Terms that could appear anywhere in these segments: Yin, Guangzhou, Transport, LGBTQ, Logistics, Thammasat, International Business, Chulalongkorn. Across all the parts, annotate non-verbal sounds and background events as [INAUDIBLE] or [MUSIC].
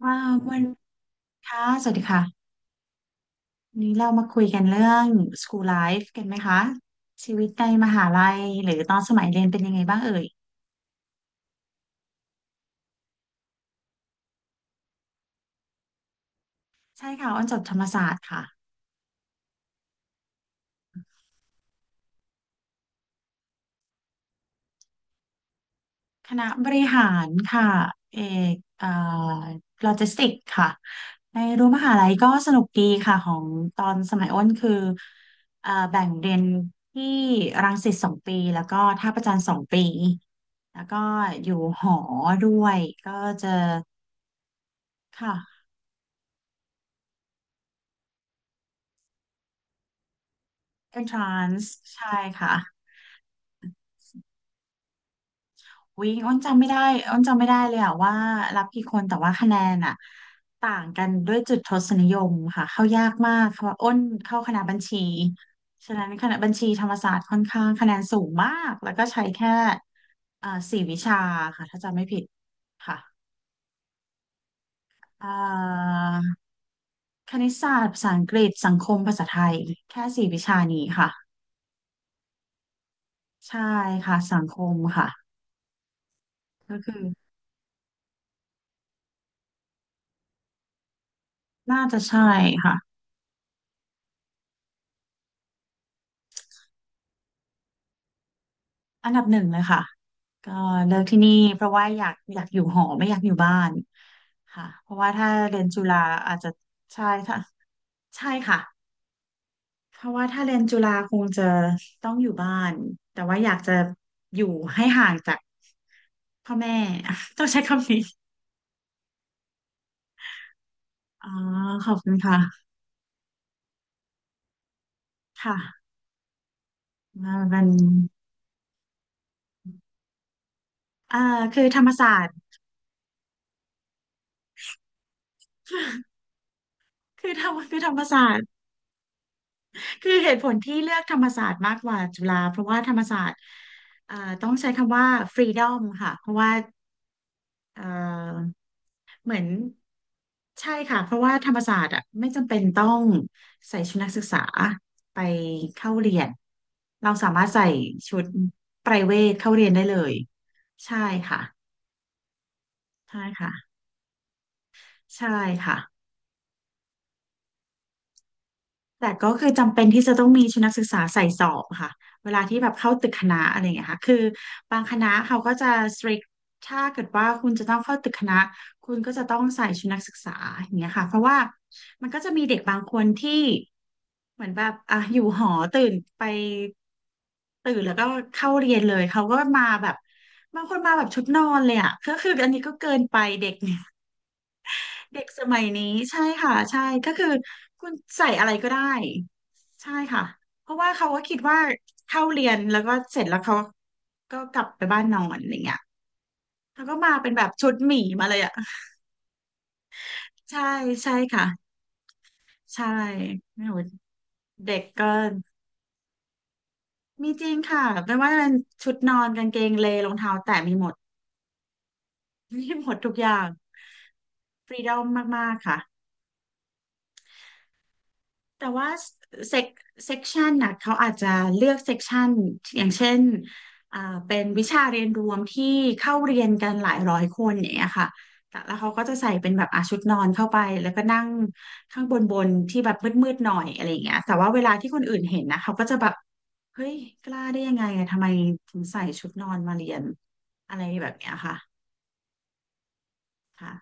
อ่าวันค่ะสวัสดีค่ะวันนี้เรามาคุยกันเรื่อง school life กันไหมคะชีวิตในมหาลัยหรือตอนสมัยเรียนเป็นยังไงบ้างเอ่ยใช่ค่ะอ้อนจบธรรมศาสตร์ค่ะคณะบริหารค่ะเอกโลจิสติกค่ะในรั้วมหาลัยก็สนุกดีค่ะของตอนสมัยอ้นคือแบ่งเรียนที่รังสิตสองปีแล้วก็ท่าประจันสองปีแล้วก็อยู่หอด้วยก็จะค่ะ e n ทรานส์ใช่ค่ะวิ่งอ้นจำไม่ได้อ้นจำไม่ได้เลยอะว่ารับกี่คนแต่ว่าคะแนนอะต่างกันด้วยจุดทศนิยมค่ะเข้ายากมากเพราะว่าอ้นเข้าคณะบัญชีฉะนั้นคณะบัญชีธรรมศาสตร์ค่อนข้างคะแนนสูงมากแล้วก็ใช้แค่สี่วิชาค่ะถ้าจำไม่ผิดค่ะเอ่อคณิตศาสตร์ภาษาอังกฤษสังคมภาษาไทยแค่สี่วิชานี้ค่ะใช่ค่ะสังคมค่ะก็คือน่าจะใช่ค่ะ อันดับหนึ่งเลยค่ะก็เลือกที่นี่เพราะว่าอยากอยู่หอไม่อยากอยู่บ้านค่ะเพราะว่าถ้าเรียนจุฬาอาจจะใช่ค่ะใช่ค่ะเพราะว่าถ้าเรียนจุฬาคงจะต้องอยู่บ้านแต่ว่าอยากจะอยู่ให้ห่างจากพ่อแม่ [LAUGHS] ต้องใช้คำนี้อ๋อขอบคุณค่ะค่ะมันเป็นอ่าคือธรรมศาสตร์ [LAUGHS] คือธรรมศาสตร์ คือเหตุผลที่เลือกธรรมศาสตร์มากกว่าจุฬาเพราะว่าธรรมศาสตร์เอ่อต้องใช้คำว่าฟรีดอมค่ะเพราะว่าเอ่อเหมือนใช่ค่ะเพราะว่าธรรมศาสตร์อ่ะไม่จำเป็นต้องใส่ชุดนักศึกษาไปเข้าเรียนเราสามารถใส่ชุดไพรเวทเข้าเรียนได้เลยใช่ค่ะใช่ค่ะใช่ค่ะ แต่ก็คือจำเป็นที่จะต้องมีชุดนักศึกษาใส่สอบค่ะเวลาที่แบบเข้าตึกคณะอะไรอย่างเงี้ยค่ะคือบางคณะเขาก็จะ strict ถ้าเกิดว่าคุณจะต้องเข้าตึกคณะคุณก็จะต้องใส่ชุดนักศึกษาอย่างเงี้ยค่ะเพราะว่ามันก็จะมีเด็กบางคนที่เหมือนแบบอ่ะอยู่หอตื่นไปตื่นแล้วก็เข้าเรียนเลยเขาก็มาแบบบางคนมาแบบชุดนอนเลยอ่ะ [LAUGHS] ก็คืออันนี้ก็เกินไปเด็ก เด็กสมัยนี้ใช่ค่ะใช่ก็คือคุณใส่อะไรก็ได้ใช่ค่ะเพราะว่าเขาก็คิดว่าเข้าเรียนแล้วก็เสร็จแล้วเขาก็กลับไปบ้านนอนอะไรเงี้ยเขาก็มาเป็นแบบชุดหมีมาเลยอ่ะใช่ใช่ค่ะใช่ไม่รู้เด็กก็มีจริงค่ะไม่ว่าจะเป็นชุดนอนกางเกงเลรองเท้าแตะมีหมด [LAUGHS] มีหมดทุกอย่างฟรีดอมมากๆค่ะ แต่ว่าเซกเซกชันน่ะเขาอาจจะเลือกเซกชันอย่างเช่นอ่าเป็นวิชาเรียนรวมที่เข้าเรียนกันหลายร้อยคนอย่างเงี้ยค่ะแต่แล้วเขาก็จะใส่เป็นแบบอาชุดนอนเข้าไปแล้วก็นั่งข้างบนบนที่แบบมืดๆหน่อยอะไรอย่างเงี้ยแต่ว่าเวลาที่คนอื่นเห็นนะเขาก็จะแบบเฮ้ยกล้าได้ยังไงอะทำไมถึงใส่ชุดนอนมาเรียนอะไรแบบเนี้ยค่ะค่ะ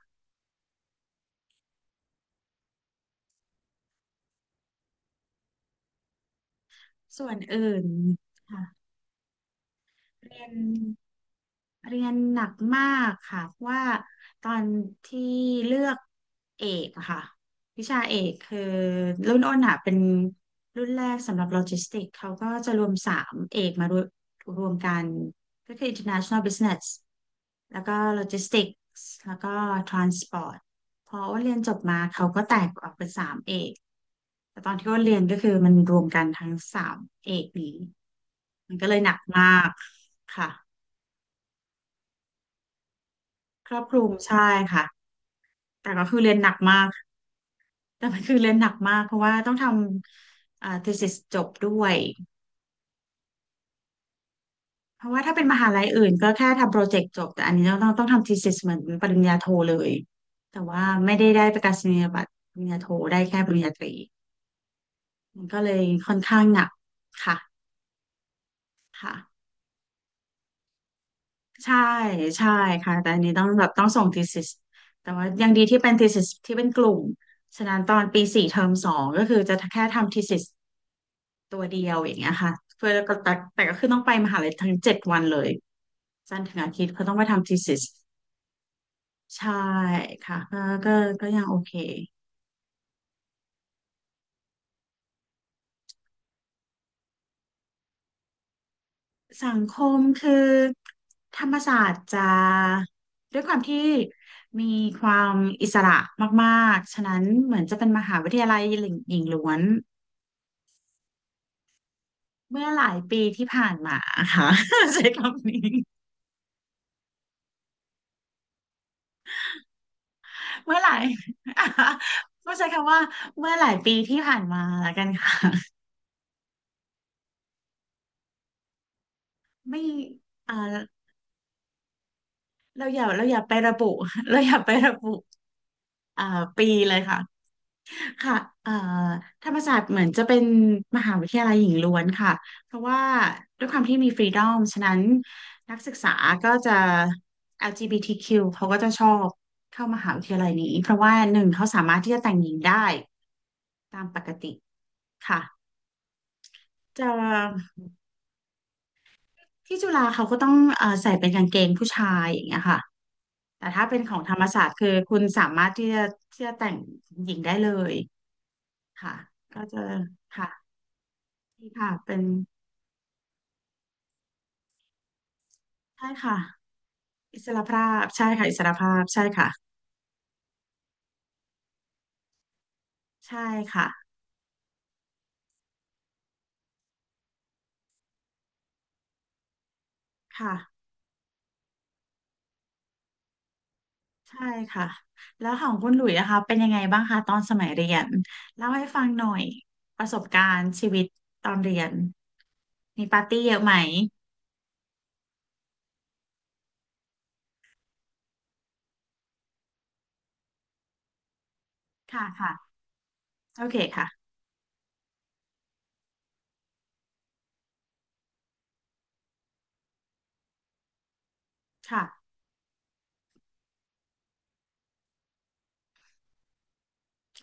ส่วนอื่นค่ะเรียน เรียนหนักมากค่ะเพราะว่าตอนที่เลือกเอกอะค่ะวิชาเอกคือรุ่นอ้นอะเป็นรุ่นแรกสำหรับโลจิสติกเขาก็จะรวมสามเอกมารวมกันก็คือ International Business แล้วก็ Logistics แล้วก็ Transport พออ้นเรียนจบมาเขาก็แตกออกเป็นสามเอกแต่ตอนที่อ้นเรียนก็คือมันรวมกันทั้งสามเอกนี้มันก็เลยหนักมากค่ะ ครอบคลุมใช่ค่ะแต่ก็คือเรียนหนักมากแต่มันคือเรียนหนักมากเพราะว่าต้องทำthesis จบด้วยเพราะว่าถ้าเป็นมหาลัยอื่นก็แค่ทำโปรเจกต์จบแต่อันนี้เราต้องทำ thesis เหมือนปริญญาโทเลยแต่ว่าไม่ได้ได้ประกาศนียบัตรปริญญาโทได้แค่ปริญญาตรีมันก็เลยค่อนข้างหนักค่ะค่ะใช่ใช่ค่ะแต่อันนี้ต้องแบบต้องส่ง thesis แต่ว่ายังดีที่เป็น thesis ที่เป็นกลุ่มฉะนั้นตอนปี 4 เทอม 2ก็คือจะแค่ทำ thesis ตัวเดียวอย่างเงี้ยค่ะเพื่อก็แต่ก็คือต้องไปมหาลัยทั้ง7 วันเลยจันทร์ถึงอาทิตย์เขาต้องไปทำ thesis ใช่ค่ะก็ก็ยังโอเคสังคมคือธรรมศาสตร์จะด้วยความที่มีความอิสระมากๆฉะนั้นเหมือนจะเป็นมหาวิทยาลัยหญิงหล้วนเมื่อหลายปีที่ผ่านมาค่ะ [LAUGHS] ใช้คำนี้เมื่อหลาย [LAUGHS] ต้องใช้คำว่าเมื่อหลายปีที่ผ่านมาแล้วกันค่ะ ไม่อ่าเราอย่าไประบุ [LAUGHS] เราอย่าไประบุอ่าปีเลยค่ะค่ะเอ่อธรรมศาสตร์เหมือนจะเป็นมหาวิทยาลัยหญิงล้วนค่ะ เพราะว่าด้วยความที่มีฟรีดอมฉะนั้นนักศึกษาก็จะ LGBTQ เขาก็จะชอบเข้ามหาวิทยาลัยนี้ เพราะว่าหนึ่งเขาสามารถที่จะแต่งหญิงได้ตามปกติค่ะจะที่จุฬาเขาก็ต้องใส่เป็นกางเกงผู้ชายอย่างเงี้ยค่ะ แต่ถ้าเป็นของธรรมศาสตร์คือคุณสามารถที่จะที่จะแต่งหญิงได้เลยค่ะก็จะค่ะนี่ค่ะเป็นใช่ค่ะอิสรภาพใช่ค่ะอิสรภาพใช่ค่ะใช่ค่ะค่ะใช่ค่ะแล้วของคุณหลุยส์นะคะเป็นยังไงบ้างคะตอนสมัยเรียนเล่าให้ฟังหน่อยประสบการณ์ชีวิตตอนเรียนมีปาร์ตี้เยอะไหมค่ะค่ะโอเคค่ะค่ะ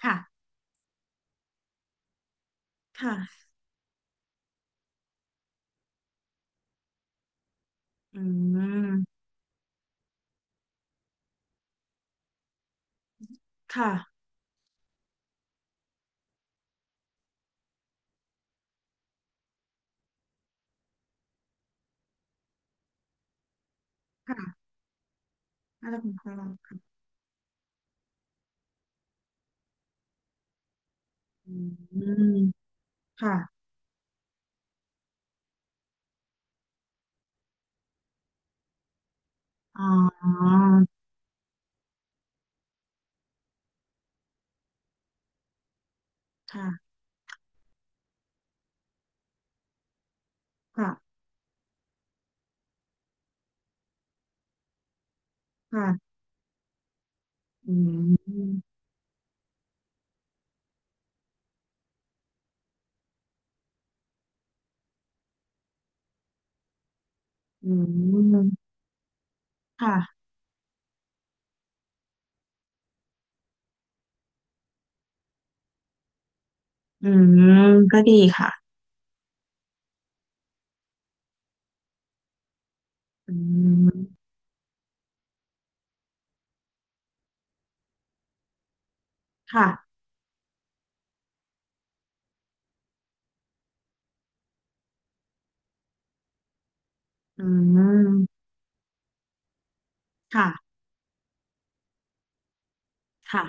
ค่ะค่ะอืมค่ะค่ะน่าจะคุ้นเคย อืมค่ะอ๋อค่ะค่ะค่ะอืมอืมค่ะอืมก็ดีค่ะอืมค่ะอืมค่ะค่ะ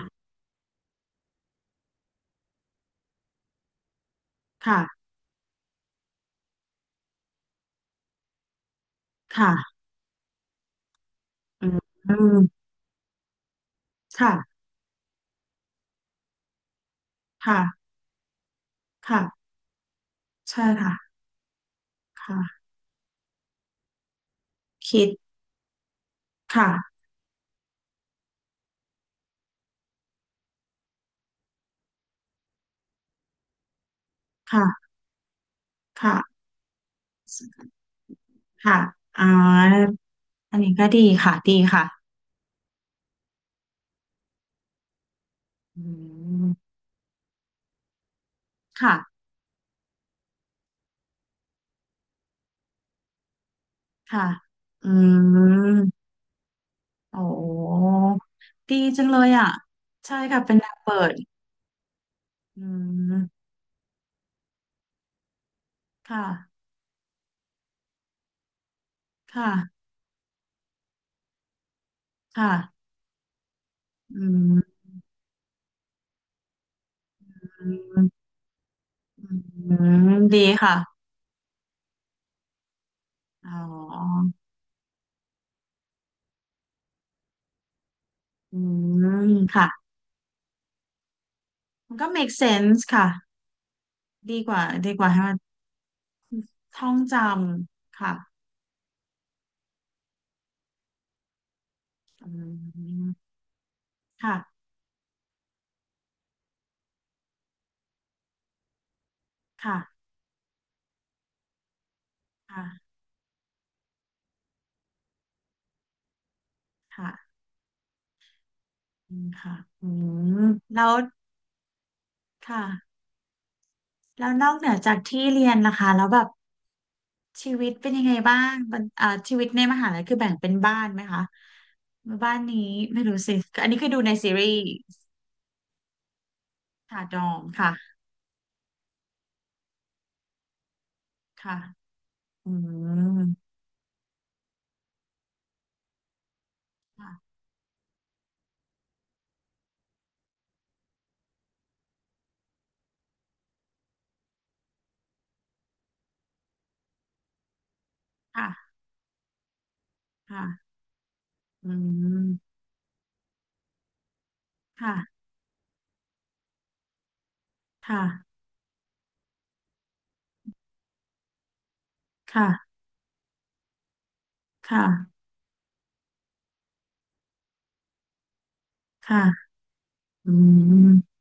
ค่ะค่ะอืมค่ะค่ะค่ะใช่ค่ะค่ะคิดค่ะค่ะค่ะค่ะอ๋ออันนี้ก็ดีค่ะดีค่ะอืมค่ะค่ะอืม โอ้ดีจังเลยอ่ะใช่ค่ะ เป็นแนวเปิดอืมค่ะ ค่ะ ค่ะอืมอืมดีค่ะอ๋ออืม ค่ะมันก็ make sense ค่ะ ดีกว่า ดีกว่าให้มันท่องจำค่ะอืมค่ะ ค่ะ ค่ะค่ะอืมค่ะ อืม แล้วค่ะ แล้วนอกเหนือจากที่เรียนนะคะแล้วแบบ ชีวิตเป็นยังไงบ้างมันชีวิตในมหาลัยคือแบ่งเป็นบ้านไหมคะบ้านนี้ไม่รู้สิอันนี้คือดูในซีรีส์ค่ะดองค่ะค่ะอืมค่ะค่ะค่ะอืมค่ะค่ะค่ะค่ะค่ะอืม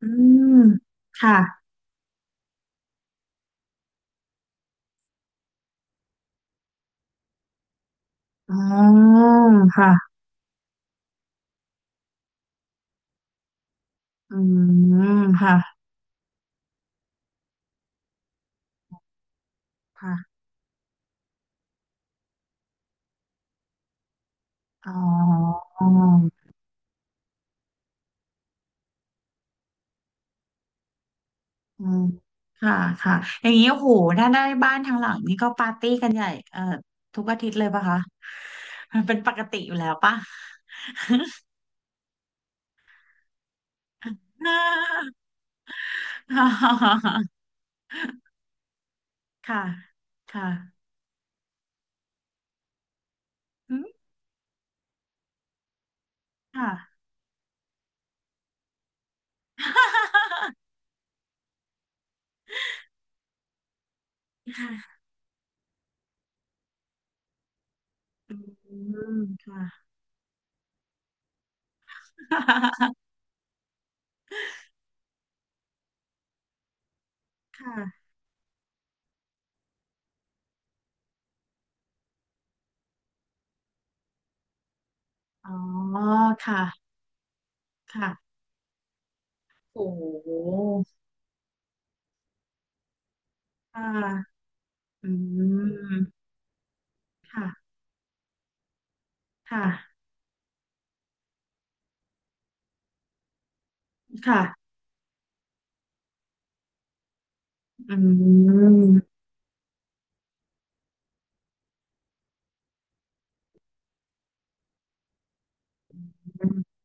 อืมค่ะอ๋อค่ะอืมค่ะค่ะอ๋อ อืมค่ะค่ะอย่างนี้โอ้โหถ้าได้บ้านทางหลังนี่ก็ปาร์ตี้กันใหญ่เอ่อทุกอาทิตย์เลยปะคะมันเป็นปกติอยู่แล้วปะ [LAUGHS] ค่ะค่ะอืมค่ะอืมค่ะค่ะอ๋อค่ะค่ะโอ้โหค่ะอืมค่ะค่ะค่ะอืมอืม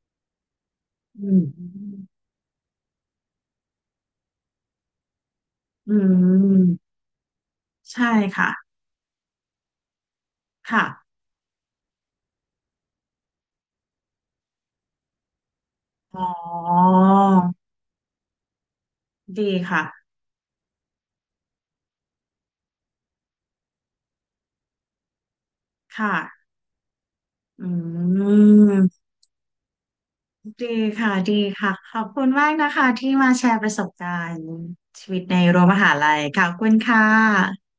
อืมอืม ใช่ค่ะ ค่ะอ๋อดีค่ะ ค่ะ อืม ดีค่ะ ดีค่ะ ขอบคุณมากนะคะที่มาแชร์ประสบการณ์ชีวิตในรั้วมหาลัยค่ะขอบคุณค่ะ